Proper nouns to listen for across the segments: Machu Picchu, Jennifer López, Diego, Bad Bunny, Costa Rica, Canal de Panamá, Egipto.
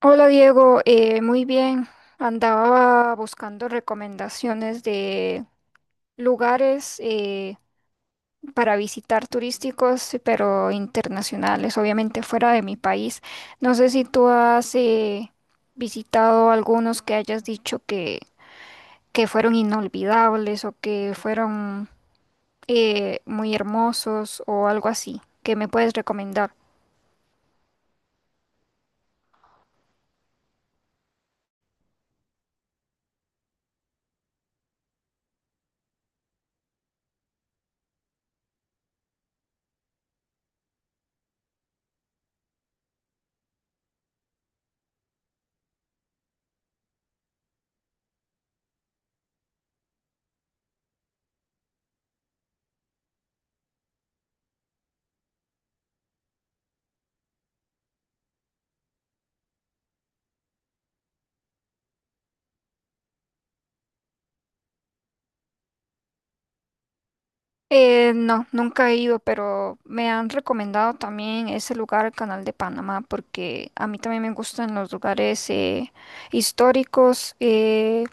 Hola Diego, muy bien. Andaba buscando recomendaciones de lugares para visitar turísticos, pero internacionales, obviamente fuera de mi país. No sé si tú has visitado algunos que hayas dicho que fueron inolvidables o que fueron muy hermosos o algo así. ¿Qué me puedes recomendar? No, nunca he ido, pero me han recomendado también ese lugar, el Canal de Panamá, porque a mí también me gustan los lugares históricos,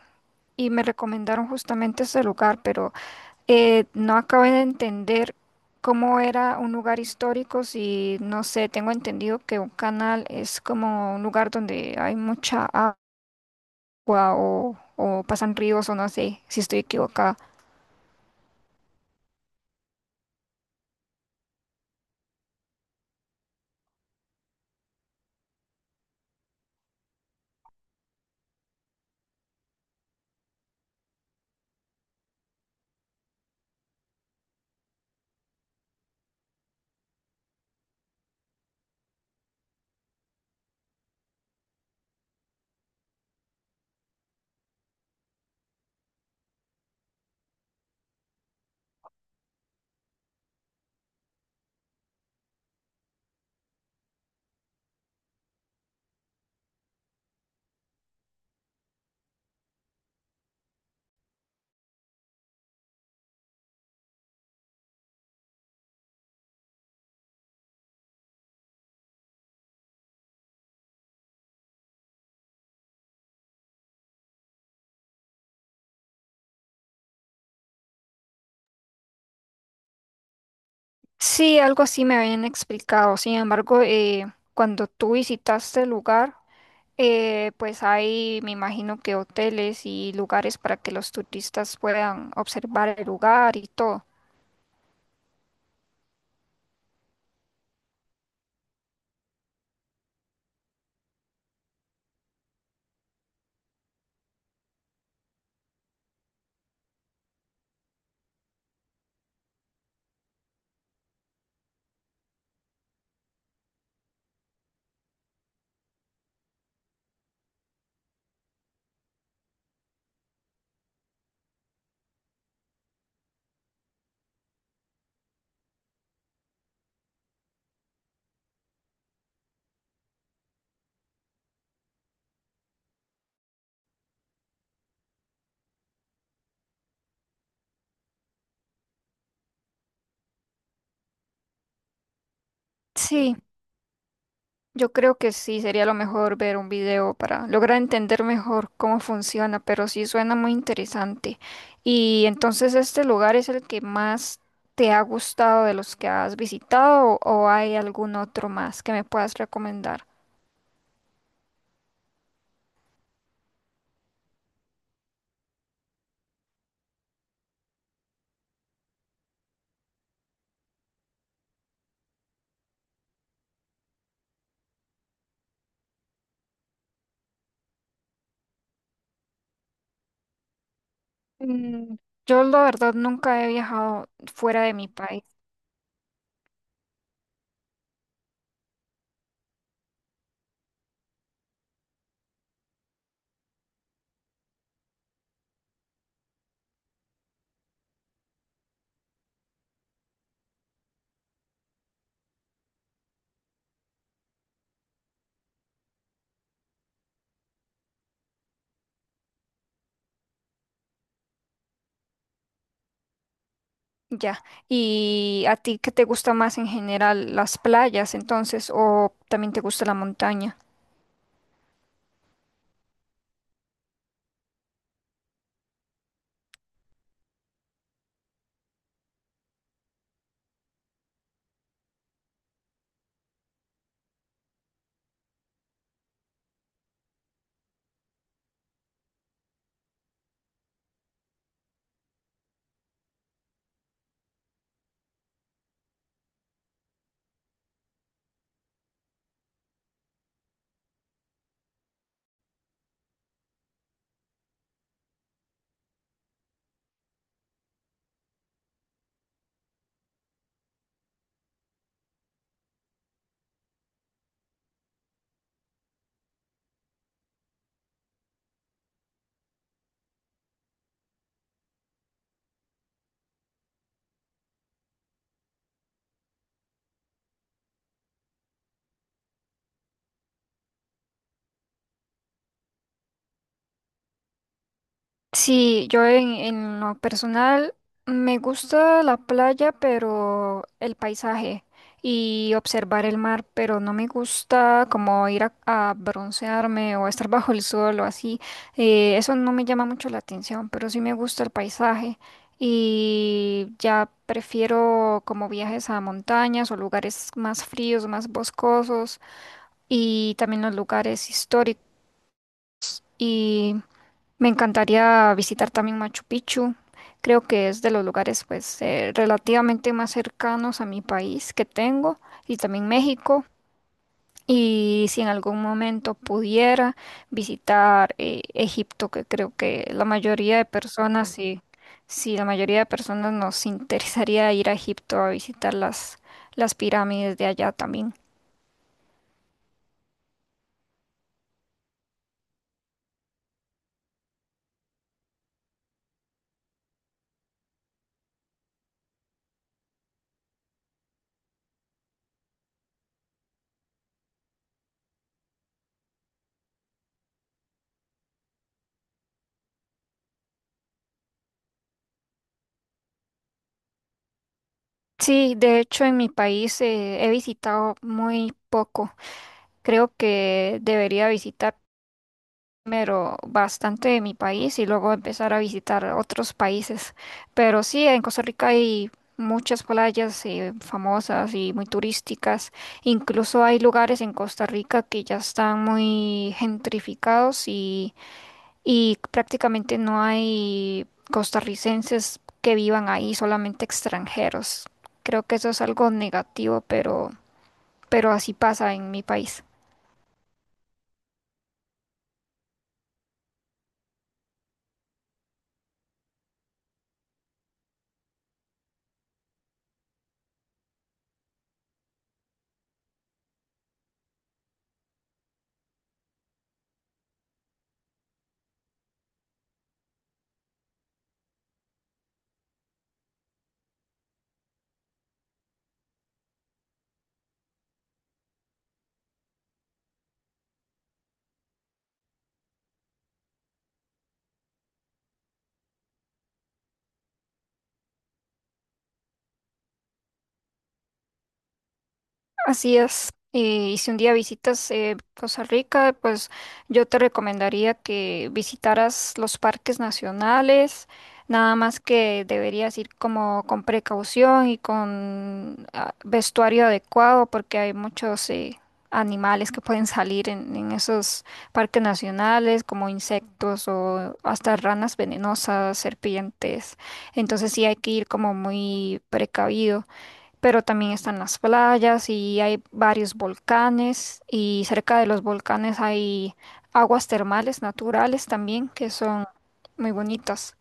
y me recomendaron justamente ese lugar, pero no acabé de entender cómo era un lugar histórico, si no sé, tengo entendido que un canal es como un lugar donde hay mucha agua o pasan ríos o no sé si estoy equivocada. Sí, algo así me habían explicado. Sin embargo, cuando tú visitaste el lugar, pues hay, me imagino que hoteles y lugares para que los turistas puedan observar el lugar y todo. Sí, yo creo que sí, sería lo mejor ver un video para lograr entender mejor cómo funciona, pero sí suena muy interesante. Y entonces, ¿este lugar es el que más te ha gustado de los que has visitado o hay algún otro más que me puedas recomendar? Mm, yo la verdad nunca he viajado fuera de mi país, ya. ¿Y a ti qué te gusta más en general, las playas entonces, o también te gusta la montaña? Sí, yo en lo personal me gusta la playa, pero el paisaje y observar el mar, pero no me gusta como ir a broncearme o estar bajo el sol o así. Eso no me llama mucho la atención, pero sí me gusta el paisaje y ya prefiero como viajes a montañas o lugares más fríos, más boscosos y también los lugares históricos. Me encantaría visitar también Machu Picchu. Creo que es de los lugares pues relativamente más cercanos a mi país que tengo y también México. Y si en algún momento pudiera visitar Egipto, que creo que la mayoría de personas, sí, sí, la mayoría de personas nos interesaría ir a Egipto a visitar las pirámides de allá también. Sí, de hecho en mi país he visitado muy poco. Creo que debería visitar primero bastante de mi país y luego empezar a visitar otros países. Pero sí, en Costa Rica hay muchas playas famosas y muy turísticas. Incluso hay lugares en Costa Rica que ya están muy gentrificados y prácticamente no hay costarricenses que vivan ahí, solamente extranjeros. Creo que eso es algo negativo, pero así pasa en mi país. Así es. Y si un día visitas Costa Rica, pues yo te recomendaría que visitaras los parques nacionales, nada más que deberías ir como con precaución y con vestuario adecuado porque hay muchos animales que pueden salir en esos parques nacionales, como insectos o hasta ranas venenosas, serpientes. Entonces sí hay que ir como muy precavido, pero también están las playas y hay varios volcanes y cerca de los volcanes hay aguas termales naturales también que son muy bonitas.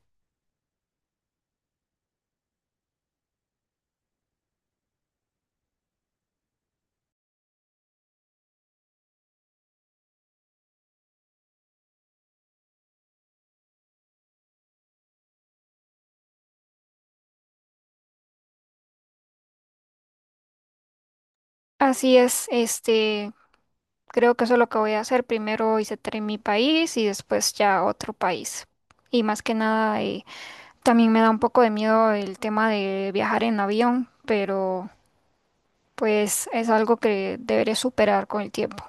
Así es, este, creo que eso es lo que voy a hacer. Primero visitaré mi país y después ya otro país. Y más que nada, también me da un poco de miedo el tema de viajar en avión, pero pues es algo que deberé superar con el tiempo.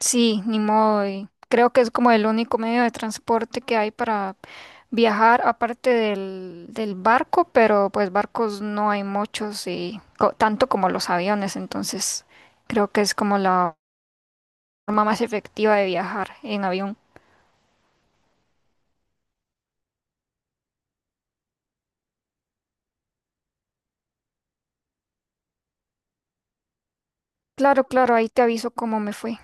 Sí, ni modo. Y creo que es como el único medio de transporte que hay para viajar, aparte del barco, pero pues barcos no hay muchos y co- tanto como los aviones, entonces creo que es como la forma más efectiva de viajar en avión. Claro, claro, ahí te aviso cómo me fue.